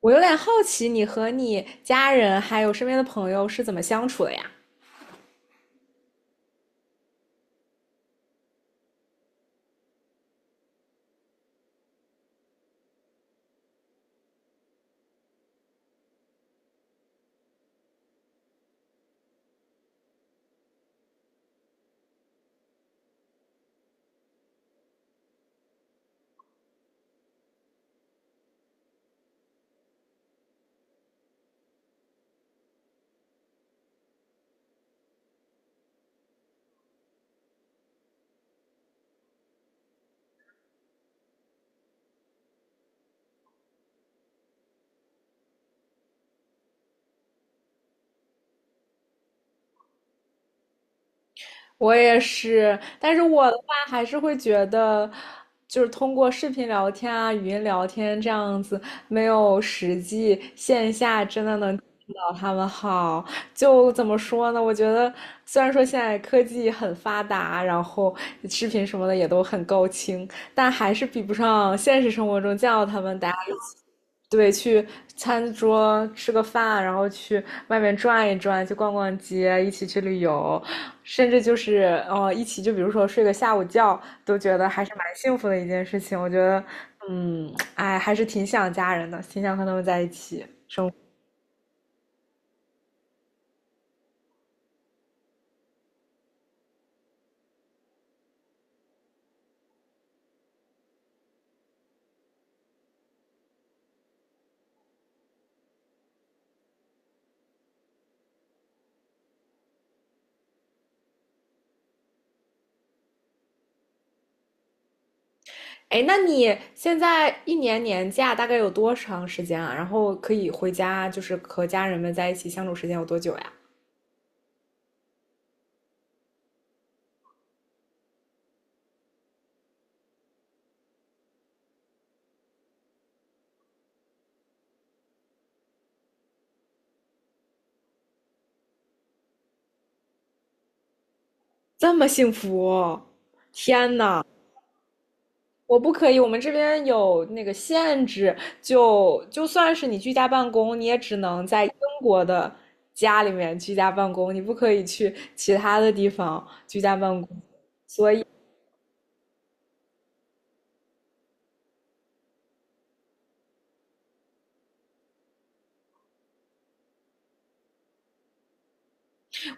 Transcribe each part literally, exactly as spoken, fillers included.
我有点好奇，你和你家人还有身边的朋友是怎么相处的呀？我也是，但是我的话还是会觉得，就是通过视频聊天啊、语音聊天这样子，没有实际线下真的能见到他们好。就怎么说呢？我觉得虽然说现在科技很发达，然后视频什么的也都很高清，但还是比不上现实生活中见到他们大家。对，去餐桌吃个饭，然后去外面转一转，去逛逛街，一起去旅游，甚至就是哦，一起就比如说睡个下午觉，都觉得还是蛮幸福的一件事情。我觉得，嗯，哎，还是挺想家人的，挺想和他们在一起。哎，那你现在一年年假大概有多长时间啊？然后可以回家，就是和家人们在一起相处时间有多久呀？这么幸福哦。天呐！我不可以，我们这边有那个限制，就就算是你居家办公，你也只能在英国的家里面居家办公，你不可以去其他的地方居家办公。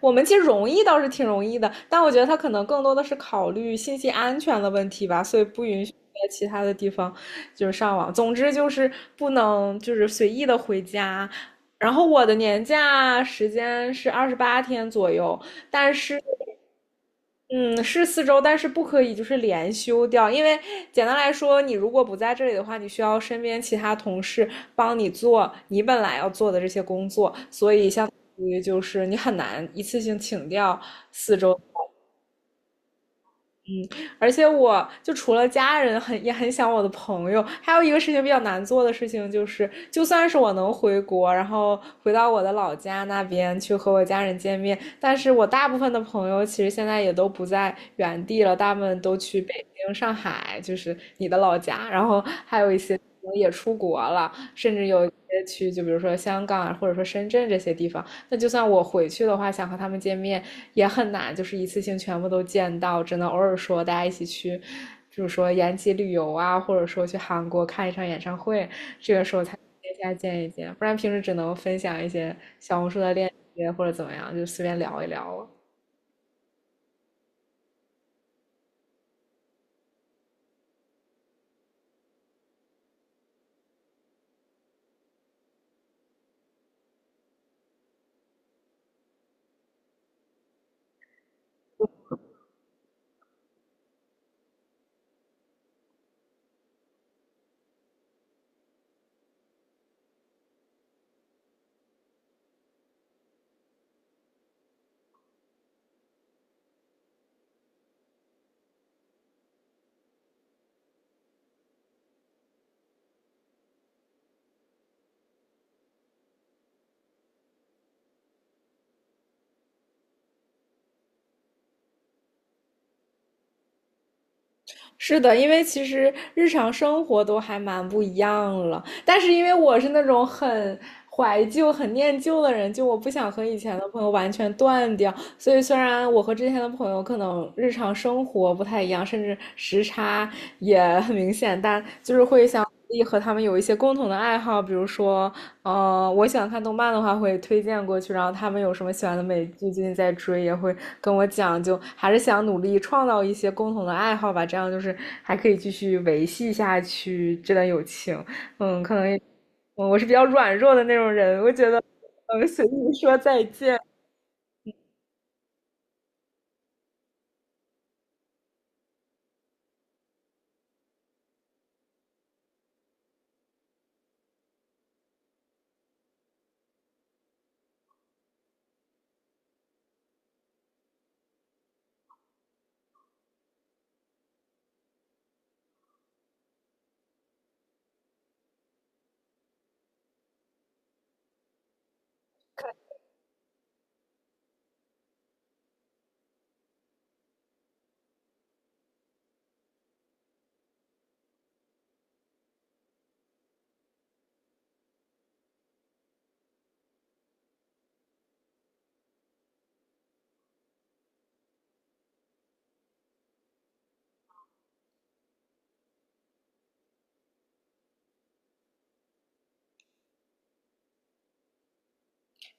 我们其实容易倒是挺容易的，但我觉得它可能更多的是考虑信息安全的问题吧，所以不允许在其他的地方就是上网。总之就是不能就是随意的回家。然后我的年假时间是二十八天左右，但是嗯，是四周，但是不可以就是连休掉，因为简单来说，你如果不在这里的话，你需要身边其他同事帮你做你本来要做的这些工作，所以相当于就是你很难一次性请掉四周。而且我就除了家人很也很想我的朋友，还有一个事情比较难做的事情就是，就算是我能回国，然后回到我的老家那边去和我家人见面，但是我大部分的朋友其实现在也都不在原地了，大部分都去北京、上海，就是你的老家，然后还有一些也出国了，甚至有一些去就比如说香港啊或者说深圳这些地方。那就算我回去的话，想和他们见面也很难，就是一次性全部都见到，只能偶尔说大家一起去，就是说延吉旅游啊，或者说去韩国看一场演唱会，这个时候才线下见一见，不然平时只能分享一些小红书的链接或者怎么样，就随便聊一聊了。是的，因为其实日常生活都还蛮不一样了，但是因为我是那种很怀旧、很念旧的人，就我不想和以前的朋友完全断掉，所以虽然我和之前的朋友可能日常生活不太一样，甚至时差也很明显，但就是会想。和他们有一些共同的爱好，比如说嗯，我想看动漫的话，会推荐过去，然后他们有什么喜欢的美剧，最近在追，也会跟我讲，就还是想努力创造一些共同的爱好吧，这样就是还可以继续维系下去这段友情。嗯，可能也嗯，我是比较软弱的那种人，我觉得，嗯，随意说再见。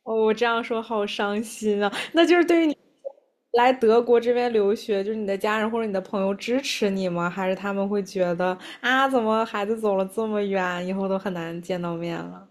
哦，我这样说好伤心啊！那就是对于你来德国这边留学，就是你的家人或者你的朋友支持你吗？还是他们会觉得啊，怎么孩子走了这么远，以后都很难见到面了？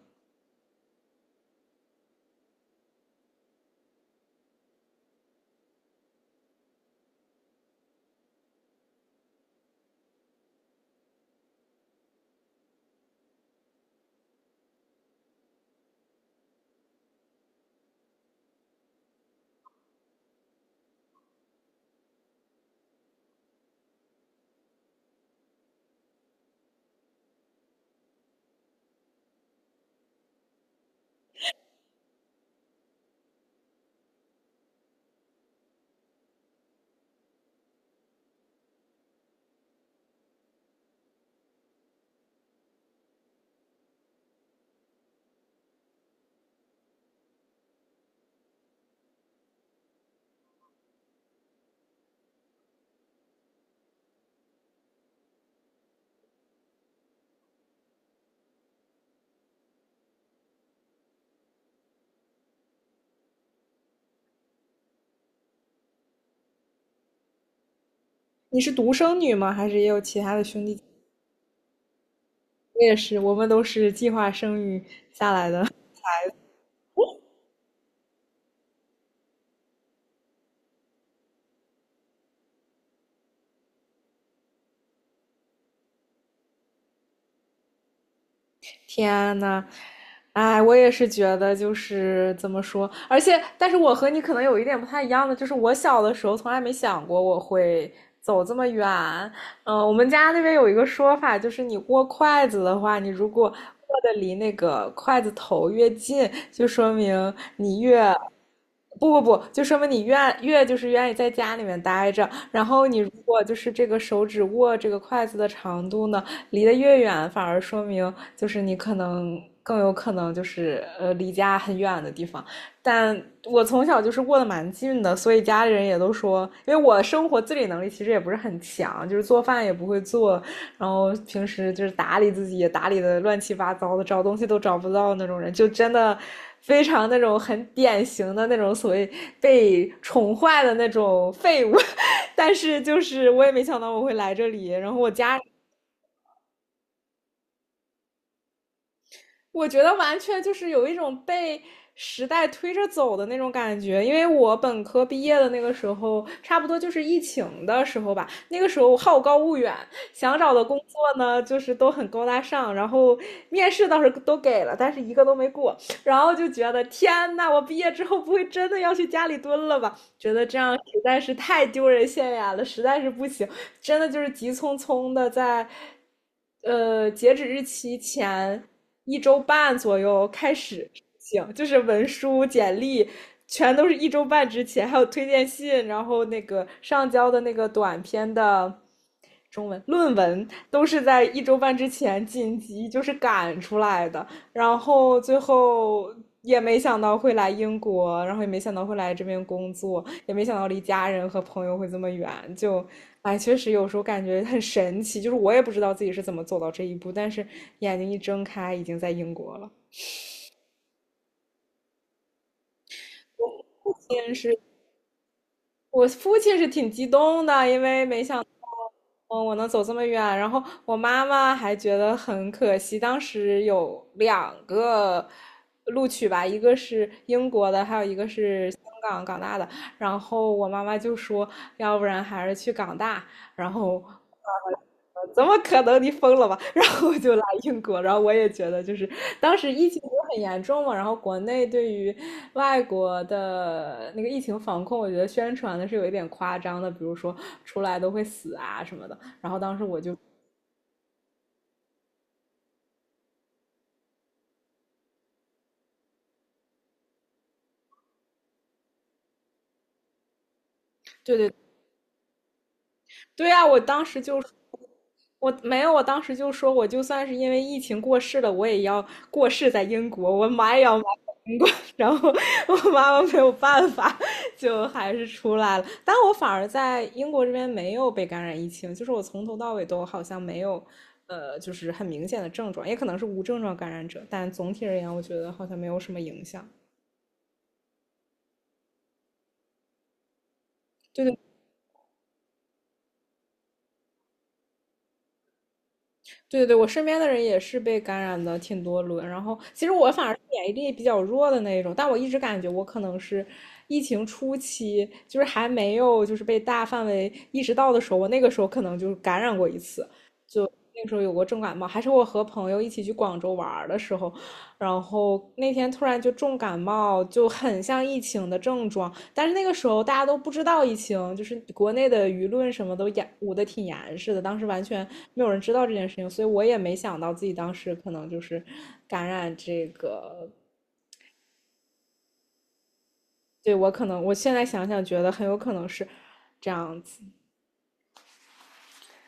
你是独生女吗？还是也有其他的兄弟姐妹？我也是，我们都是计划生育下来的。天呐，哎，我也是觉得就是怎么说，而且，但是我和你可能有一点不太一样的，就是我小的时候从来没想过我会走这么远。嗯、我们家那边有一个说法，就是你握筷子的话，你如果握的离那个筷子头越近，就说明你越。不不不，就说明你愿越就是愿意在家里面待着，然后你如果就是这个手指握这个筷子的长度呢，离得越远，反而说明就是你可能更有可能就是呃离家很远的地方。但我从小就是过得蛮近的，所以家里人也都说，因为我的生活自理能力其实也不是很强，就是做饭也不会做，然后平时就是打理自己也打理的乱七八糟的，找东西都找不到那种人，就真的非常那种很典型的那种所谓被宠坏的那种废物。但是就是我也没想到我会来这里，然后我家我觉得完全就是有一种被时代推着走的那种感觉，因为我本科毕业的那个时候，差不多就是疫情的时候吧。那个时候好高骛远，想找的工作呢，就是都很高大上，然后面试倒是都给了，但是一个都没过。然后就觉得天呐，我毕业之后不会真的要去家里蹲了吧？觉得这样实在是太丢人现眼了，实在是不行，真的就是急匆匆的在，呃，截止日期前一周半左右开始行，就是文书、简历全都是一周半之前，还有推荐信，然后那个上交的那个短篇的中文论文都是在一周半之前紧急就是赶出来的，然后最后也没想到会来英国，然后也没想到会来这边工作，也没想到离家人和朋友会这么远，就，哎，确实有时候感觉很神奇，就是我也不知道自己是怎么走到这一步，但是眼睛一睁开，已经在英国了。我父亲是挺激动的，因为没想嗯，我能走这么远，然后我妈妈还觉得很可惜，当时有两个录取吧，一个是英国的，还有一个是香港港大的，然后我妈妈就说，要不然还是去港大，然后呃怎么可能？你疯了吧？然后我就来英国，然后我也觉得就是当时疫情不是很严重嘛，然后国内对于外国的那个疫情防控，我觉得宣传的是有一点夸张的，比如说出来都会死啊什么的。然后当时我就。对对。对呀，我当时就我没有，我当时就说，我就算是因为疫情过世了，我也要过世在英国，我妈也要买英国。然后我妈妈没有办法，就还是出来了。但我反而在英国这边没有被感染疫情，就是我从头到尾都好像没有，呃，就是很明显的症状，也可能是无症状感染者，但总体而言，我觉得好像没有什么影响。对对对，我身边的人也是被感染的挺多轮，然后其实我反而是免疫力比较弱的那一种，但我一直感觉我可能是疫情初期，就是还没有就是被大范围意识到的时候，我那个时候可能就是感染过一次，那时候有过重感冒，还是我和朋友一起去广州玩儿的时候，然后那天突然就重感冒，就很像疫情的症状。但是那个时候大家都不知道疫情，就是国内的舆论什么都严捂得挺严实的，当时完全没有人知道这件事情，所以我也没想到自己当时可能就是感染这个。对，我可能，我现在想想觉得很有可能是这样子，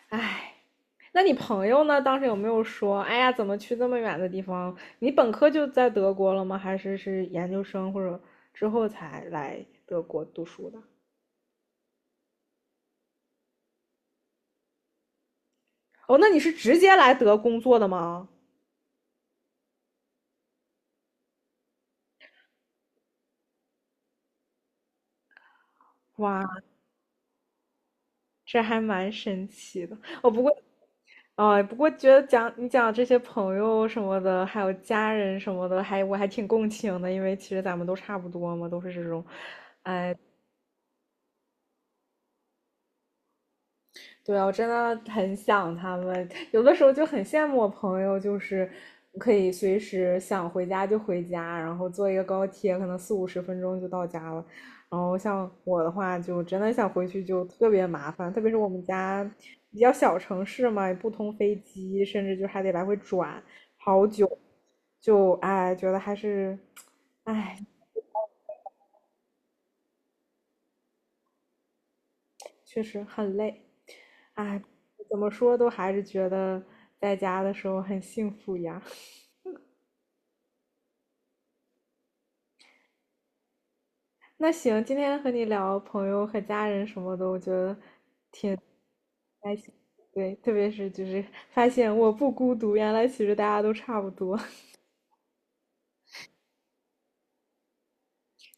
唉。那你朋友呢？当时有没有说，哎呀，怎么去这么远的地方？你本科就在德国了吗？还是是研究生或者之后才来德国读书的？哦，那你是直接来德工作的吗？哇，这还蛮神奇的。哦，不过，哦，不过觉得讲你讲这些朋友什么的，还有家人什么的，还我还挺共情的，因为其实咱们都差不多嘛，都是这种。对啊，我真的很想他们，有的时候就很羡慕我朋友，就是可以随时想回家就回家，然后坐一个高铁，可能四五十分钟就到家了。然后像我的话，就真的想回去就特别麻烦，特别是我们家比较小城市嘛，也不通飞机，甚至就还得来回转好久，就哎，觉得还是，哎，确实很累，哎，怎么说都还是觉得在家的时候很幸福呀。那行，今天和你聊朋友和家人什么的，我觉得还行。对，特别是就是发现我不孤独，原来其实大家都差不多。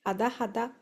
好的，好的。